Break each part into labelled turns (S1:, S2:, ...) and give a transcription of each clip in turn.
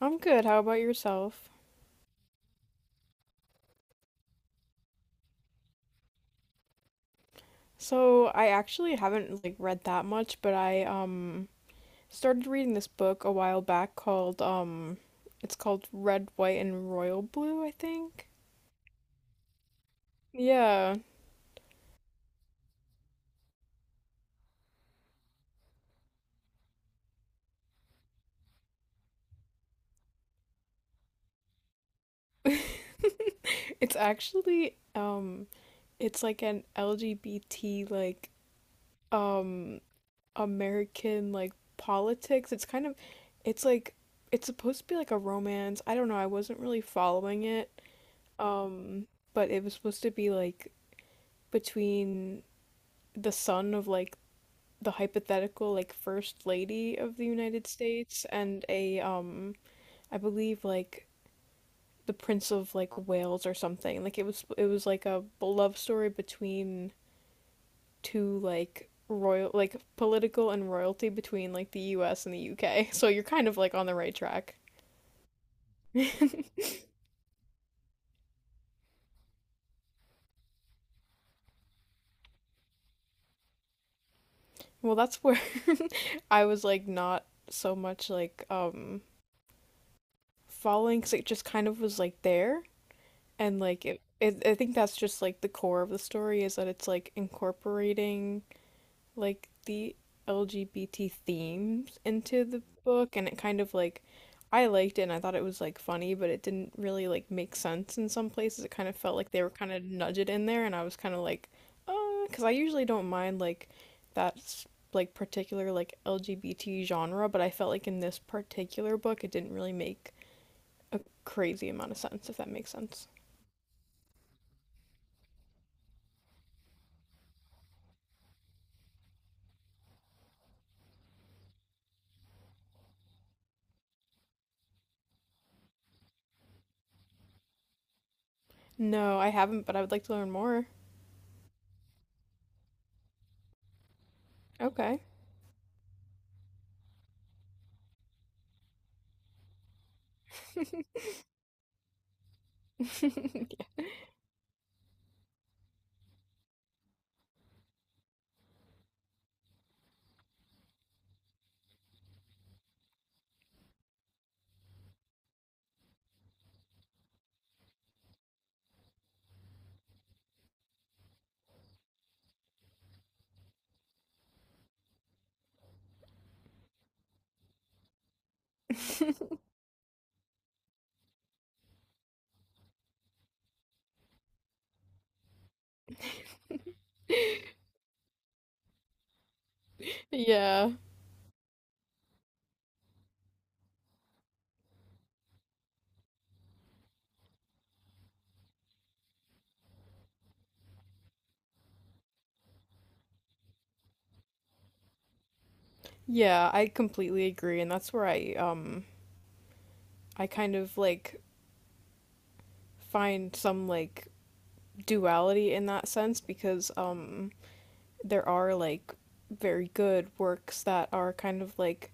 S1: I'm good. How about yourself? So, I actually haven't like read that much, but I started reading this book a while back called it's called Red, White, and Royal Blue, I think. Yeah. It's actually it's like an LGBT like um American like politics. It's kind of, it's like, it's supposed to be like a romance. I don't know. I wasn't really following it. Um, but it was supposed to be like between the son of like the hypothetical like first lady of the United States and a I believe like the Prince of like Wales or something. Like it was, it was like a love story between two, like, royal, like political and royalty between like the US and the UK. So you're kind of like on the right track. Well, that's where, I was like, not so much like following, because it just kind of was like there. And like it, I think that's just like the core of the story, is that it's like incorporating like the LGBT themes into the book. And it kind of like, I liked it and I thought it was like funny, but it didn't really like make sense in some places. It kind of felt like they were kind of nudged in there, and I was kind of like, uh because I usually don't mind like that's like particular like LGBT genre, but I felt like in this particular book it didn't really make a crazy amount of sense, if that makes sense. No, I haven't, but I would like to learn more. Okay. Yeah. Yeah, I completely agree, and that's where I kind of like find some like duality in that sense, because there are like very good works that are kind of like,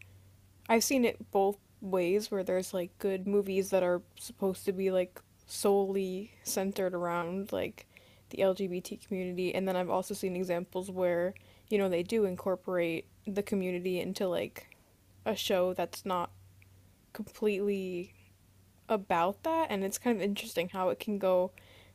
S1: I've seen it both ways, where there's like good movies that are supposed to be like solely centered around like the LGBT community, and then I've also seen examples where, you know, they do incorporate the community into like a show that's not completely about that. And it's kind of interesting how it can go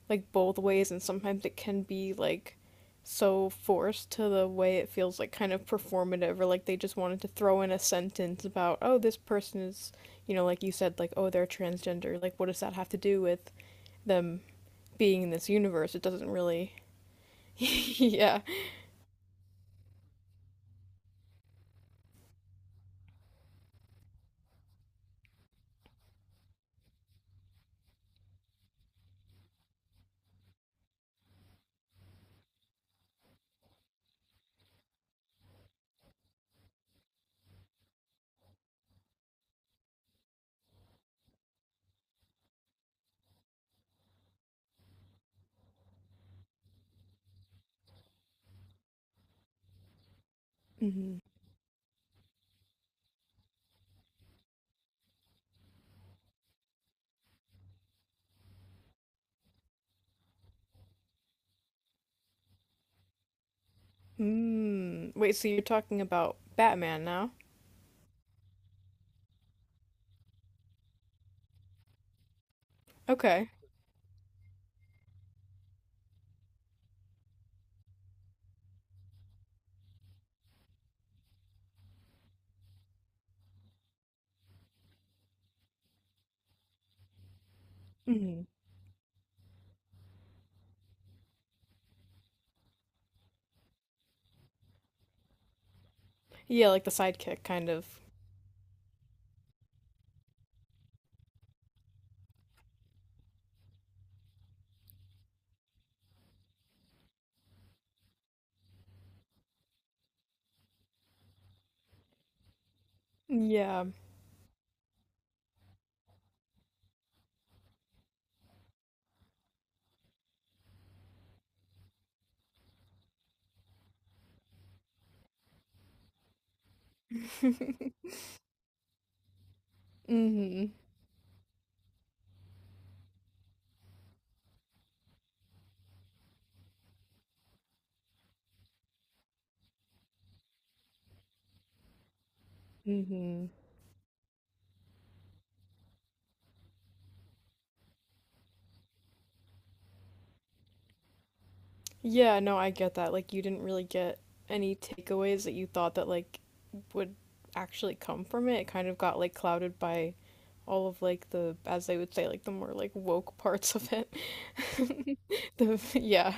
S1: like both ways, and sometimes it can be like so forced to the way it feels like kind of performative, or like they just wanted to throw in a sentence about, oh, this person is, you know, like you said, like, oh, they're transgender, like what does that have to do with them being in this universe. It doesn't really. Yeah. Mm-hmm. Mm. Wait, so you're talking about Batman now? Okay. Mm-hmm. Yeah, like the sidekick kind of. Yeah. Mhm. Mhm. Yeah, no, I get that. Like you didn't really get any takeaways that you thought that like would actually come from it. It kind of got like clouded by all of like the, as they would say, like the more like woke parts of it. The yeah.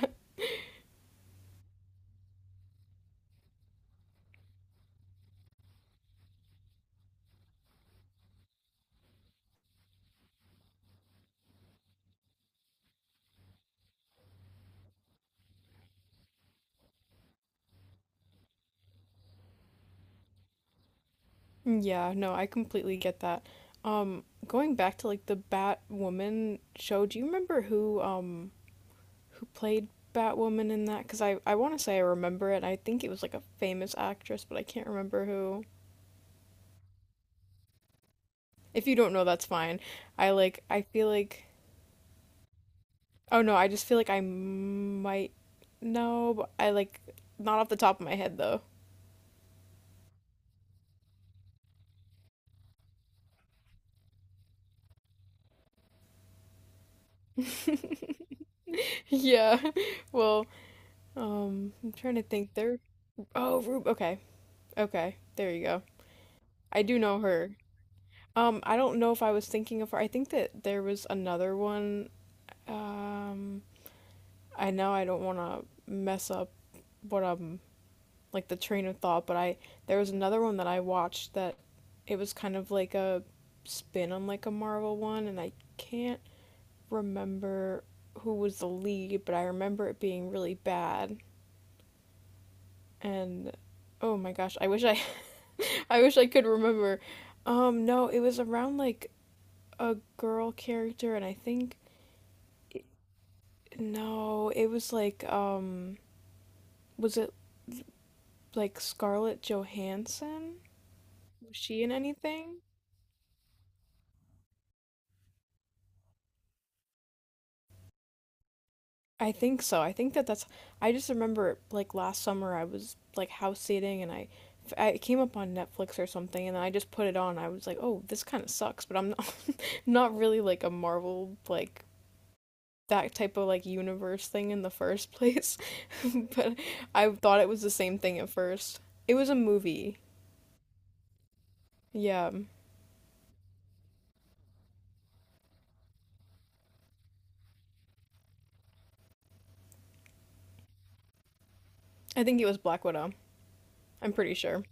S1: Yeah, no, I completely get that. Going back to like the Batwoman show, do you remember who who played Batwoman in that, because I want to say I remember it. I think it was like a famous actress, but I can't remember who. If you don't know, that's fine. I like, I feel like, oh no, I just feel like I might know, but I like, not off the top of my head though. Yeah. Well, I'm trying to think. There. Oh, Rube. Okay. Okay. There you go. I do know her. I don't know if I was thinking of her. I think that there was another one. Um, I know I don't want to mess up what, like, the train of thought, but I there was another one that I watched, that it was kind of like a spin on like a Marvel one, and I can't remember who was the lead, but I remember it being really bad. And oh my gosh, I wish I I wish I could remember. No, it was around like a girl character, and I think no, it was like, was it like Scarlett Johansson? Was she in anything? I think so. I think that that's. I just remember like last summer I was like house sitting, and I came up on Netflix or something and I just put it on. I was like, oh, this kind of sucks, but I'm not, not really like a Marvel, like, that type of like universe thing in the first place. But I thought it was the same thing at first. It was a movie. Yeah, I think it was Black Widow. I'm pretty sure.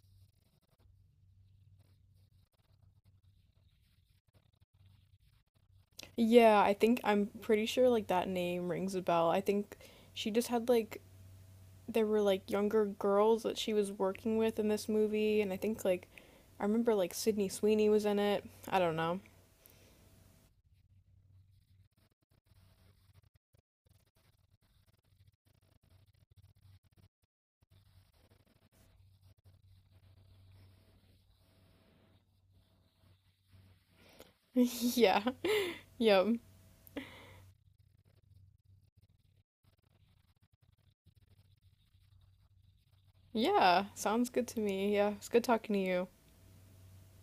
S1: Yeah, I think I'm pretty sure like that name rings a bell. I think she just had like there were like younger girls that she was working with in this movie, and I think like I remember like Sydney Sweeney was in it. I don't know. Yeah. Yep. Yeah. Sounds good to me. Yeah. It's good talking to you.